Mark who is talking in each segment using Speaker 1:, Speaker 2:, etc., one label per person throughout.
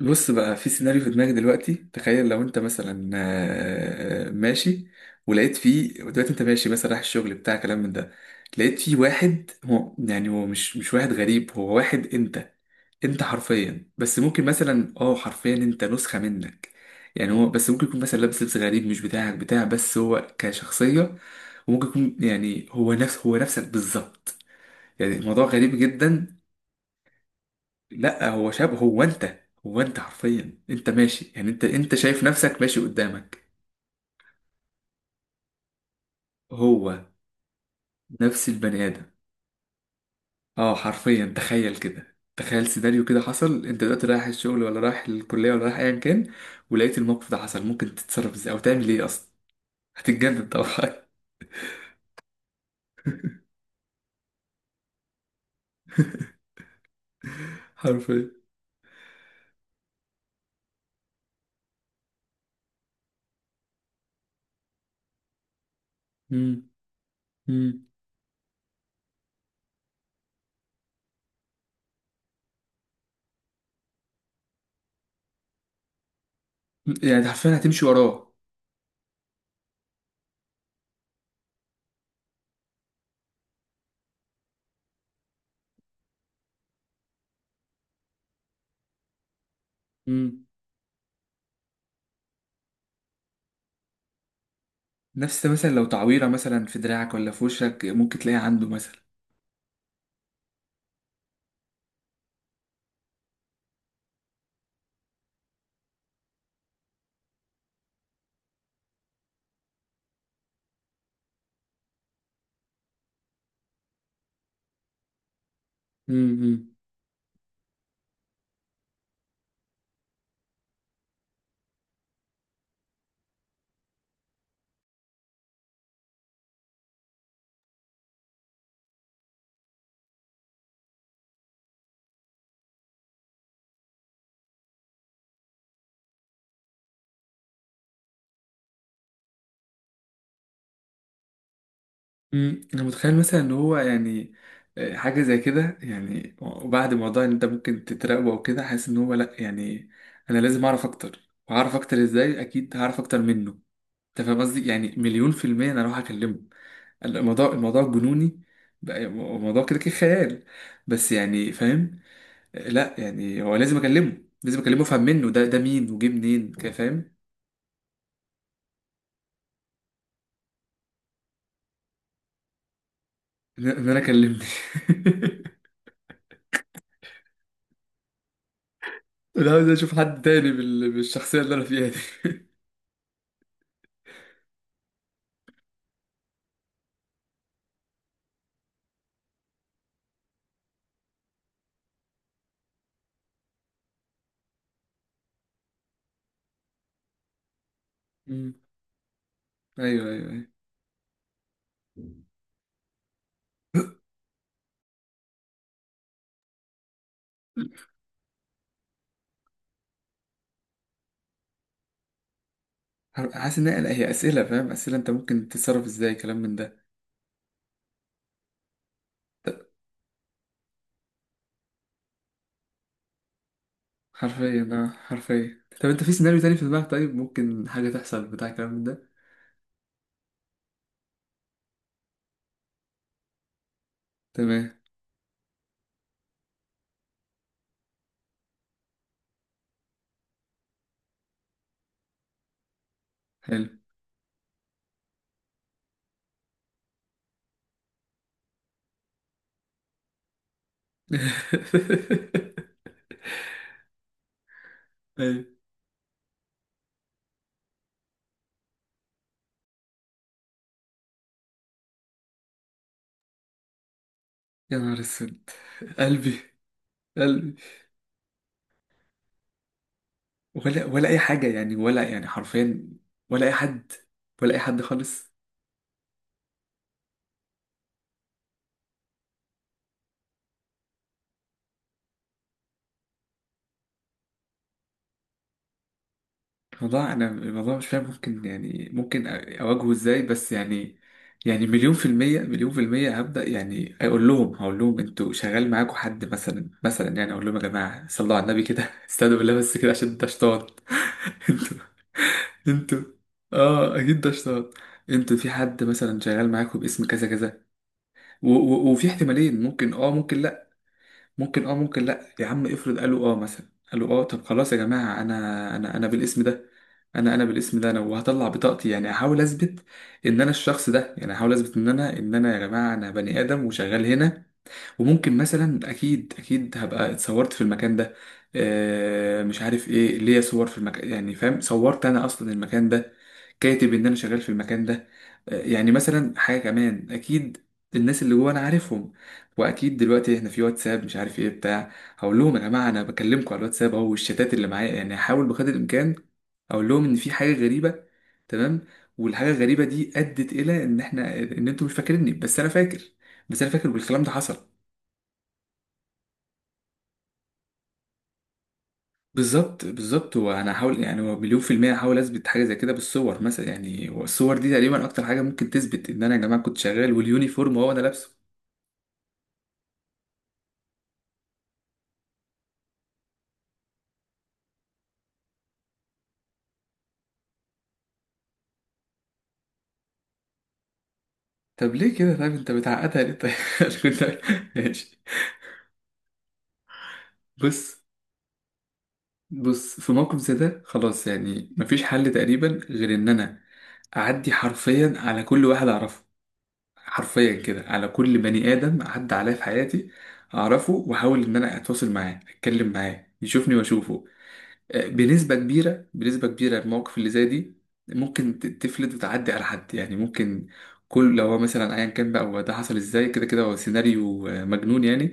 Speaker 1: بص بقى، في سيناريو في دماغي دلوقتي. تخيل لو انت مثلا ماشي. ولقيت فيه دلوقتي انت ماشي مثلا رايح الشغل بتاع كلام من ده. لقيت فيه واحد، يعني هو مش واحد غريب، هو واحد انت حرفيا، بس ممكن مثلا، حرفيا انت نسخة منك. يعني هو بس ممكن يكون مثلا لابس لبس غريب، مش بتاعك بس، هو كشخصية. وممكن يكون يعني هو نفسك بالظبط. يعني الموضوع غريب جدا. لا، هو شاب، هو انت. هو انت حرفيا، انت ماشي، يعني انت شايف نفسك ماشي قدامك. هو نفس البني ادم. اه حرفيا، تخيل سيناريو كده حصل. انت دلوقتي رايح الشغل ولا رايح الكلية ولا رايح ايا كان، ولقيت الموقف ده حصل. ممكن تتصرف ازاي او تعمل ايه اصلا؟ هتتجنن طبعا. حرفيا. مم. مم. يعني حرفيا هتمشي وراه. مم. نفس مثلا لو تعويرة مثلا في دراعك ولا في وشك، ممكن تلاقيها عنده مثلا. مم. انا متخيل مثلا ان هو يعني، حاجه زي كده. يعني وبعد موضوع ان انت ممكن تتراقبه او كده، حاسس ان هو لا، يعني انا لازم اعرف اكتر. وهعرف اكتر ازاي؟ اكيد هعرف اكتر منه. انت فاهم قصدي؟ يعني مليون في الميه انا اروح اكلمه. الموضوع جنوني، بقى موضوع كده كده خيال. بس يعني فاهم، لا يعني هو لازم اكلمه. لازم اكلمه افهم منه ده مين، وجه منين كده، فاهم. ان انا كلمني. انا عاوز اشوف حد تاني بالشخصيه اللي انا فيها دي. مم. ايوه ايوه ايوه. حاسس ان هي اسئله، فاهم، اسئله انت ممكن تتصرف ازاي، كلام من ده. حرفيا طب انت في سيناريو تاني في دماغك؟ طيب ممكن حاجه تحصل بتاع كلام من ده. تمام. حلو. ايوه. يا نهار اسود. قلبي. قلبي. ولا اي حاجه، يعني ولا، يعني حرفيا، ولا اي حد، ولا اي حد خالص. الموضوع، انا الموضوع مش فاهم ممكن، يعني ممكن اواجهه ازاي، بس يعني، يعني مليون في المية، مليون في المية هبدأ، يعني اقول لهم هقول لهم انتوا شغال معاكم حد مثلا، يعني اقول لهم يا جماعة صلوا على النبي كده. استهدوا بالله بس كده عشان ده شيطان. انتوا. انتوا. اه اكيد ده شيطان. انتوا في حد مثلا شغال معاكم باسم كذا كذا، و- و- وفي احتمالين، ممكن اه، ممكن لا. ممكن اه، ممكن لا. يا عم افرض قالوا اه، مثلا قالوا اه، طب خلاص يا جماعة، انا بالاسم ده. انا بالاسم ده. انا وهطلع بطاقتي، يعني احاول اثبت ان انا الشخص ده. يعني احاول اثبت ان انا يا جماعة انا بني ادم وشغال هنا. وممكن مثلا، اكيد اكيد هبقى اتصورت في المكان ده. مش عارف ايه، ليا صور في المكان، يعني فاهم، صورت انا اصلا المكان ده، كاتب ان انا شغال في المكان ده. يعني مثلا حاجه كمان اكيد، الناس اللي جوه انا عارفهم. واكيد دلوقتي احنا في واتساب مش عارف ايه بتاع، هقول لهم يا جماعه انا بكلمكم على الواتساب او الشتات اللي معايا. يعني هحاول بقدر الامكان اقول لهم ان في حاجه غريبه. تمام. والحاجه الغريبه دي ادت الى ان احنا انتوا مش فاكريني، بس انا فاكر. بس انا فاكر والكلام ده حصل. بالظبط بالظبط. وانا هحاول، يعني هو مليون في المية، هحاول اثبت حاجة زي كده بالصور مثلا. يعني والصور دي تقريبا اكتر حاجة ممكن تثبت ان انا يا جماعة كنت شغال، واليونيفورم هو انا لابسه. طب ليه كده طيب؟ انت بتعقدها ليه طيب؟ كنت- ماشي. بص بص في موقف زي ده، خلاص، يعني مفيش حل تقريبا غير ان انا اعدي حرفيا على كل واحد اعرفه. حرفيا كده، على كل بني ادم عدى عليا في حياتي، اعرفه، واحاول ان انا اتواصل معاه، اتكلم معاه، يشوفني واشوفه. بنسبة كبيرة بنسبة كبيرة، المواقف اللي زي دي ممكن تفلت وتعدي على حد، يعني ممكن. لو هو مثلا ايا كان بقى، هو ده حصل ازاي، كده كده هو سيناريو مجنون يعني.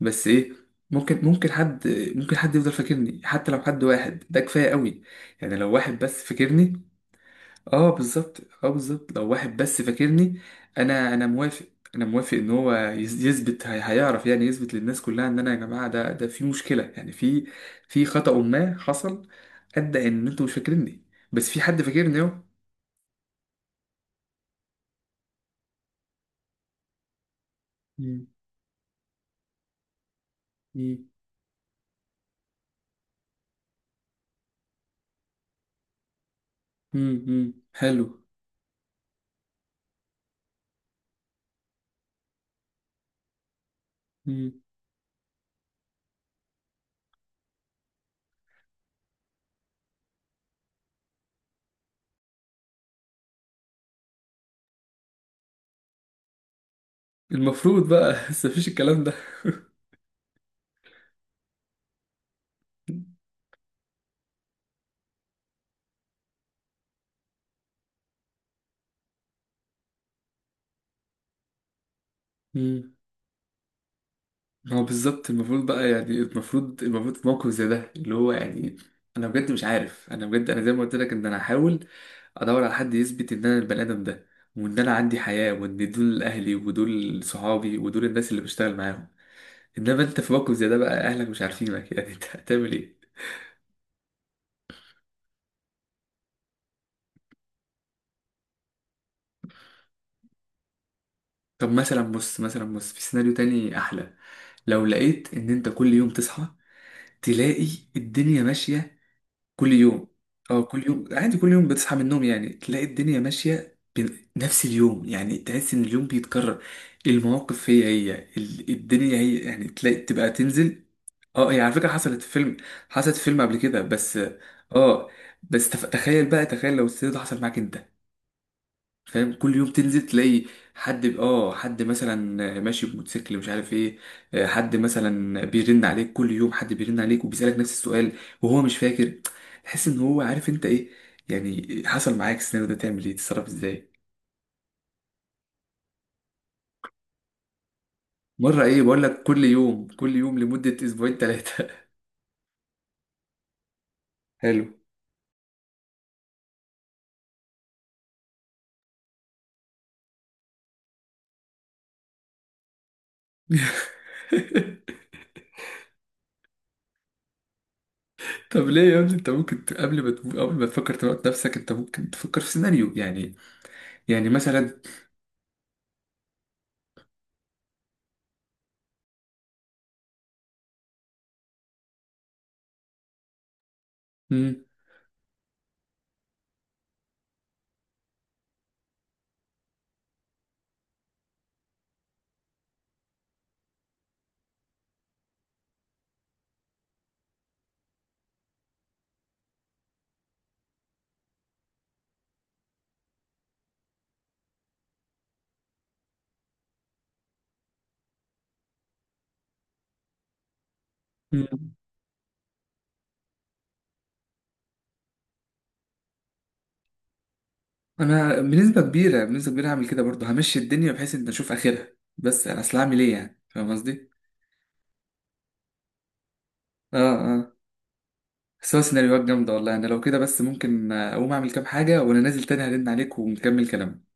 Speaker 1: بس ايه، ممكن حد، ممكن حد يفضل فاكرني. حتى لو حد واحد ده كفاية قوي. يعني لو واحد بس فاكرني. اه بالظبط، اه بالظبط، لو واحد بس فاكرني. انا موافق. انا موافق ان هو يثبت، هيعرف، يعني يثبت للناس كلها ان انا، يا جماعه، ده في مشكله، يعني في خطأ ما حصل، ادى ان انتوا مش فاكريني. بس في حد فاكرني اهو. مم. مم. مم. مم. حلو. مم. المفروض بقى. بس مفيش الكلام ده. مم. ما هو بالظبط المفروض بقى، يعني المفروض في موقف زي ده، اللي هو يعني، انا بجد مش عارف. انا بجد، انا زي ما قلت لك ان انا هحاول ادور على حد يثبت ان انا البني ادم ده، وان انا عندي حياه، وان دول اهلي، ودول صحابي، ودول الناس اللي بشتغل معاهم. انما انت في موقف زي ده بقى اهلك مش عارفينك. يعني انت هتعمل ايه؟ طب مثلا بص، في سيناريو تاني احلى. لو لقيت ان انت كل يوم تصحى، تلاقي الدنيا ماشيه. كل يوم. اه كل يوم عادي، كل يوم بتصحى من النوم يعني تلاقي الدنيا ماشيه بنفس اليوم. يعني تحس ان اليوم بيتكرر، المواقف هي هي، الدنيا هي، يعني تلاقي تبقى تنزل. اه هي على فكرة حصلت في فيلم، حصلت في فيلم قبل كده، بس. اه، بس تخيل بقى، لو السيناريو ده حصل معاك انت، فاهم؟ كل يوم تنزل تلاقي حد حد مثلا ماشي بموتوسيكل مش عارف ايه. حد مثلا بيرن عليك كل يوم، حد بيرن عليك وبيسألك نفس السؤال وهو مش فاكر. تحس ان هو عارف انت ايه. يعني حصل معاك السيناريو ده، تعمل ايه، تتصرف ازاي؟ مرة ايه؟ بقول لك كل يوم، كل يوم لمدة اسبوعين، ثلاثة. حلو. طب ليه يا ابني، انت ممكن قبل ما تموت، قبل ما تفكر تموت نفسك، انت ممكن تفكر في سيناريو، يعني، يعني مثلا. مم. مم. انا بنسبه كبيره، بنسبه كبيره هعمل كده برضه، همشي الدنيا بحيث ان اشوف اخرها. بس انا اصل هعمل ايه يعني، فاهم قصدي. اه اه. بس هو سيناريوهات جامده والله. انا لو كده بس ممكن اقوم اعمل كام حاجه، وانا نازل تاني هرن عليك ونكمل كلامنا.